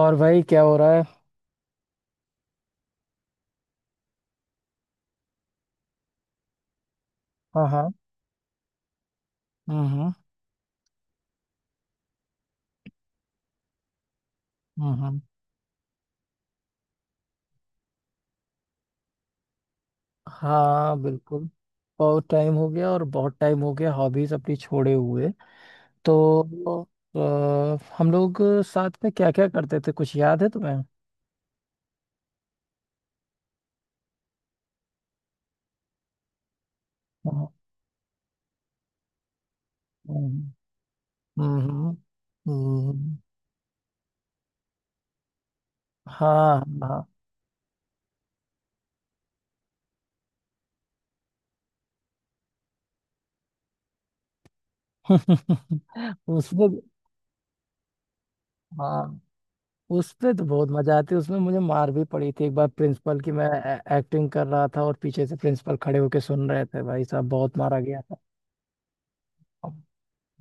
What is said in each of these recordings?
और भाई क्या हो रहा है? हाँ, हाँ। हम्म, हम्म, हम्म, हाँ, बिल्कुल। बहुत टाइम हो गया, और बहुत टाइम हो गया हॉबीज अपनी छोड़े हुए। तो हम लोग साथ में क्या क्या करते थे, कुछ याद है तुम्हें? हम्म, हम्म, हम्म, हम्म। हाँ, हाँ। उसमें। हाँ। उसमें तो बहुत मजा आती है। उसमें मुझे मार भी पड़ी थी एक बार, प्रिंसिपल की। मैं एक्टिंग कर रहा था और पीछे से प्रिंसिपल खड़े होके सुन रहे थे, भाई साहब बहुत मारा गया था।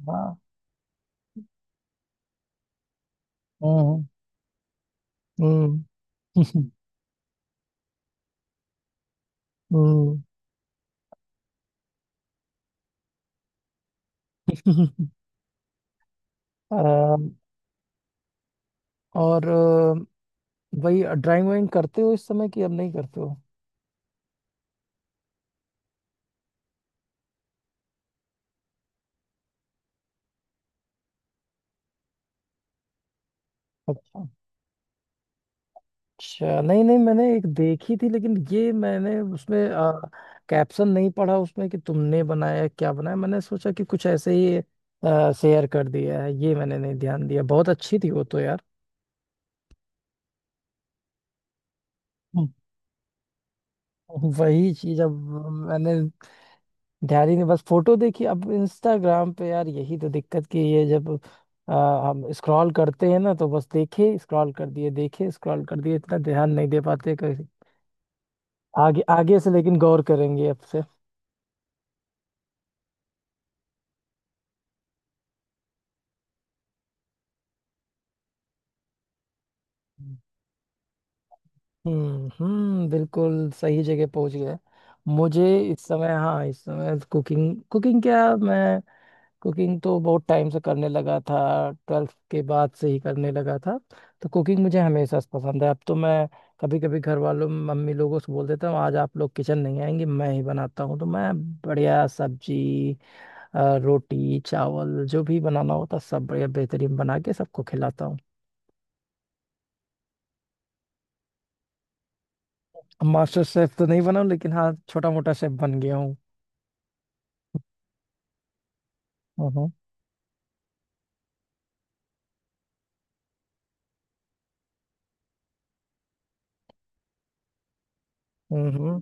हाँ। हम्म, हम्म, हम्म। अम, और वही ड्राइंग वाइंग करते हो इस समय कि अब नहीं करते हो? अच्छा। अच्छा, नहीं नहीं, मैंने एक देखी थी लेकिन ये मैंने उसमें कैप्शन नहीं पढ़ा उसमें कि तुमने बनाया क्या बनाया। मैंने सोचा कि कुछ ऐसे ही शेयर कर दिया है, ये मैंने नहीं ध्यान दिया। बहुत अच्छी थी वो तो यार। हम्म। वही चीज। अब मैंने ध्यान ही नहीं, बस फोटो देखी अब इंस्टाग्राम पे। यार यही तो दिक्कत की है जब हम स्क्रॉल करते हैं ना, तो बस देखे स्क्रॉल कर दिए, देखे स्क्रॉल कर दिए, इतना ध्यान नहीं दे पाते कभी आगे आगे से, लेकिन गौर करेंगे अब से। हम्म, हम्म, बिल्कुल सही जगह पहुंच गए मुझे। इस समय, हाँ, इस समय कुकिंग, कुकिंग क्या, मैं कुकिंग तो बहुत टाइम से करने लगा था, 12th के बाद से ही करने लगा था। तो कुकिंग मुझे हमेशा से पसंद है। अब तो मैं कभी कभी घर वालों, मम्मी लोगों से बोल देता हूँ आज आप लोग किचन नहीं आएंगे, मैं ही बनाता हूँ। तो मैं बढ़िया सब्जी, रोटी चावल, जो भी बनाना होता सब बढ़िया बेहतरीन बना के सबको खिलाता हूँ। अब मास्टर शेफ तो नहीं बना हूँ, लेकिन हाँ छोटा मोटा शेफ बन गया हूँ। हम्म, हम्म, हम्म,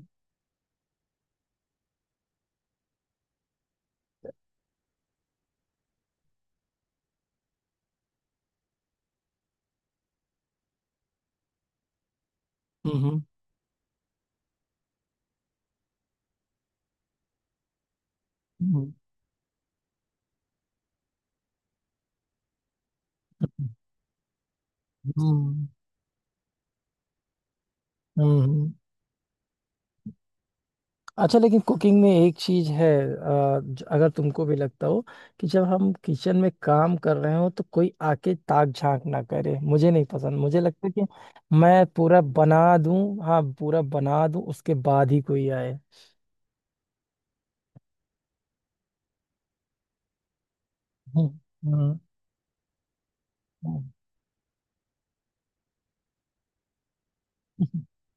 हम्म, हम्म, हम्म, हम्म, हम्म। अच्छा, लेकिन कुकिंग में एक चीज है। अगर तुमको भी लगता हो कि जब हम किचन में काम कर रहे हो तो कोई आके ताक झांक ना करे, मुझे नहीं पसंद। मुझे लगता है कि मैं पूरा बना दूं, हाँ पूरा बना दूं, उसके बाद ही कोई आए। हम्म, हम्म, हम्म।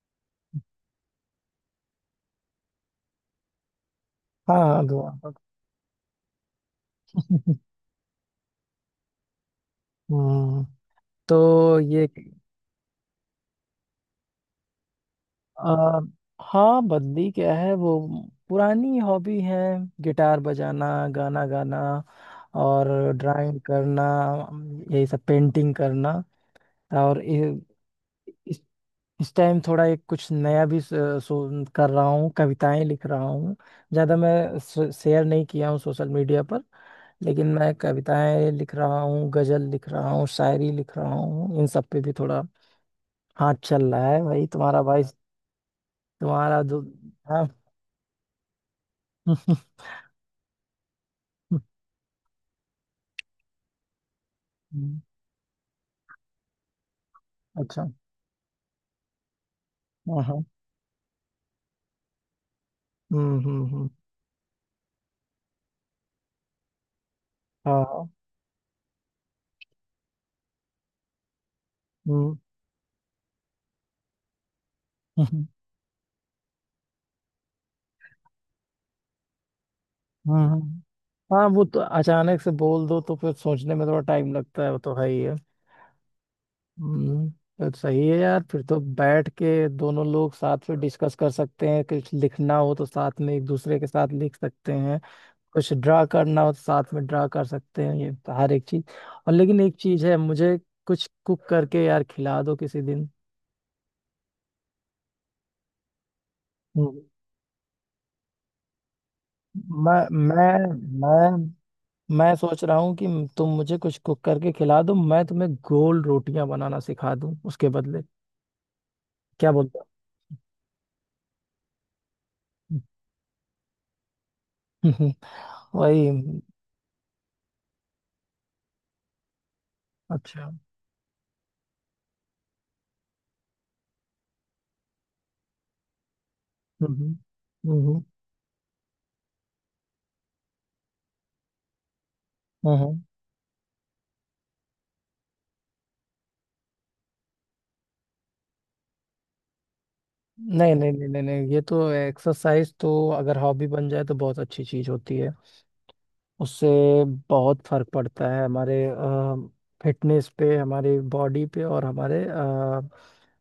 हाँ, हाँ, दुआ। हम्म। तो ये आ, हाँ, बदली क्या है वो, पुरानी हॉबी है। गिटार बजाना, गाना गाना, और ड्राइंग करना, यही सब पेंटिंग करना। और इस इस टाइम थोड़ा एक कुछ नया भी कर रहा हूँ, कविताएं लिख रहा हूँ। ज़्यादा मैं शेयर नहीं किया हूँ सोशल मीडिया पर, लेकिन मैं कविताएं लिख रहा हूँ, गजल लिख रहा हूँ, शायरी लिख रहा हूँ, इन सब पे भी थोड़ा हाथ चल रहा है भाई। तुम्हारा भाई, तुम्हारा जो, हाँ। हम्म, अच्छा, हाँ, हाँ। हम्म, हम्म, हाँ, हाँ। हम्म। हम्म, हम्म, हाँ, हाँ, वो तो अचानक से बोल दो तो फिर सोचने में थोड़ा टाइम लगता है, वो तो है ही है। हम्म। तो सही है यार, फिर तो बैठ के दोनों लोग साथ में डिस्कस कर सकते हैं, कुछ लिखना हो तो साथ में एक दूसरे के साथ लिख सकते हैं, कुछ ड्रा करना हो तो साथ में ड्रा कर सकते हैं, ये तो हर एक चीज। और लेकिन एक चीज है, मुझे कुछ कुक करके यार खिला दो किसी दिन। हम्म। मैं मैं मैं मैं सोच रहा हूँ कि तुम मुझे कुछ कुक करके खिला दो, मैं तुम्हें गोल रोटियां बनाना सिखा दूँ उसके बदले, क्या बोलते हो? वही, हम्म। अच्छा, हम्म, हम्म, हम्म, हम्म, हम्म। नहीं नहीं नहीं नहीं नहीं, ये तो एक्सरसाइज तो अगर हॉबी बन जाए तो बहुत अच्छी चीज होती है। उससे बहुत फर्क पड़ता है हमारे फिटनेस पे, हमारे बॉडी पे, और हमारे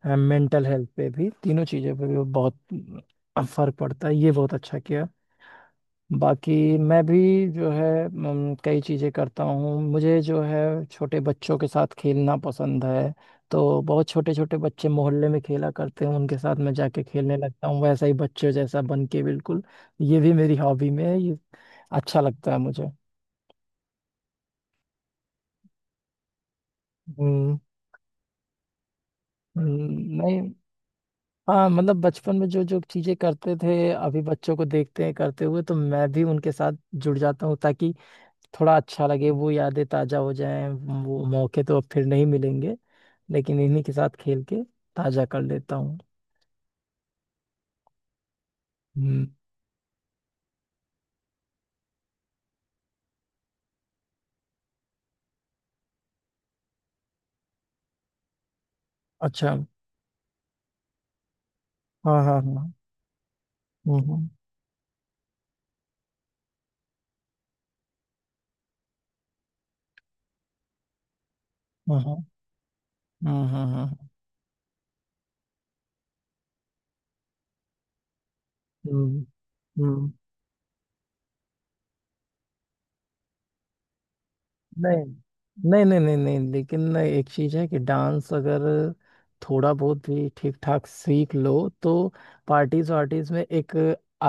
मेंटल हेल्थ पे भी, तीनों चीज़ों पे भी बहुत फर्क पड़ता है। ये बहुत अच्छा किया। बाकी मैं भी जो है कई चीज़ें करता हूँ। मुझे जो है छोटे बच्चों के साथ खेलना पसंद है। तो बहुत छोटे छोटे बच्चे मोहल्ले में खेला करते हैं, उनके साथ मैं जाके खेलने लगता हूँ, वैसा ही बच्चे जैसा बन के बिल्कुल। ये भी मेरी हॉबी में है, ये अच्छा लगता है मुझे। हम्म, नहीं। हाँ मतलब बचपन में जो जो चीजें करते थे अभी बच्चों को देखते हैं करते हुए, तो मैं भी उनके साथ जुड़ जाता हूँ ताकि थोड़ा अच्छा लगे, वो यादें ताजा हो जाएं। वो मौके तो अब फिर नहीं मिलेंगे, लेकिन इन्हीं के साथ खेल के ताजा कर लेता हूँ। हम्म। अच्छा। हाँ, हाँ, हाँ। हम्म, हम्म, हम्म, हम्म, हम्म, हम्म, हम्म। नहीं नहीं नहीं नहीं नहीं, लेकिन एक चीज है कि डांस अगर थोड़ा बहुत भी ठीक ठाक सीख लो तो पार्टीज वार्टीज में एक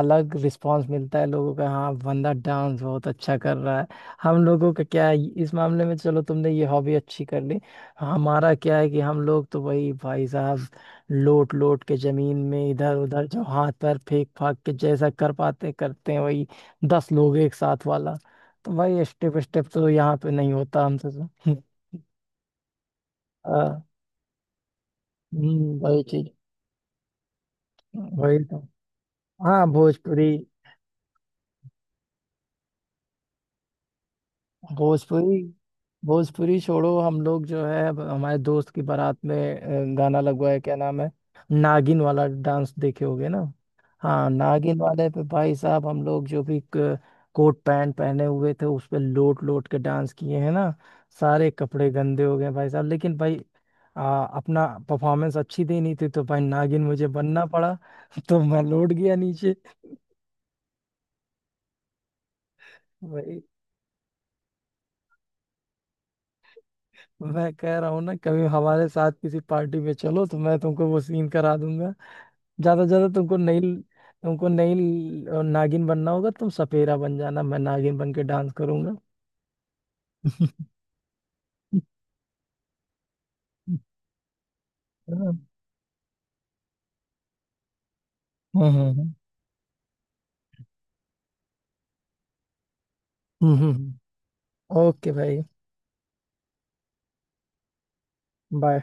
अलग रिस्पांस मिलता है लोगों का, हाँ बंदा डांस बहुत अच्छा कर रहा है। हम लोगों का क्या है, इस मामले में चलो तुमने ये हॉबी अच्छी कर ली। हमारा क्या है कि हम लोग तो वही भाई साहब, लोट लोट के जमीन में इधर उधर जो हाथ पैर फेंक फाक के जैसा कर पाते करते हैं, वही दस लोग एक साथ वाला। तो भाई स्टेप स्टेप तो यहाँ पे नहीं होता हमसे तो। आ, वही चीज। वही तो। हाँ, भोजपुरी। भोजपुरी। भोजपुरी छोड़ो, हम लोग जो है अब हमारे दोस्त की बारात में गाना लगवाया, क्या नाम है, नागिन वाला डांस देखे होगे ना। हाँ, नागिन वाले पे भाई साहब, हम लोग जो भी कोट पैंट पहने हुए थे उस पे लोट लोट के डांस किए हैं ना, सारे कपड़े गंदे हो गए भाई साहब, लेकिन भाई अपना परफॉर्मेंस अच्छी देनी थी तो भाई नागिन मुझे बनना पड़ा। तो मैं लौट गया नीचे। मैं कह रहा हूँ ना कभी हमारे साथ किसी पार्टी में चलो तो मैं तुमको वो सीन करा दूंगा। ज्यादा से ज्यादा तुमको नई नागिन बनना होगा, तुम सपेरा बन जाना, मैं नागिन बन के डांस करूंगा। हाँ, हाँ, हाँ। हम्म, हम्म। ओके भाई। बाय।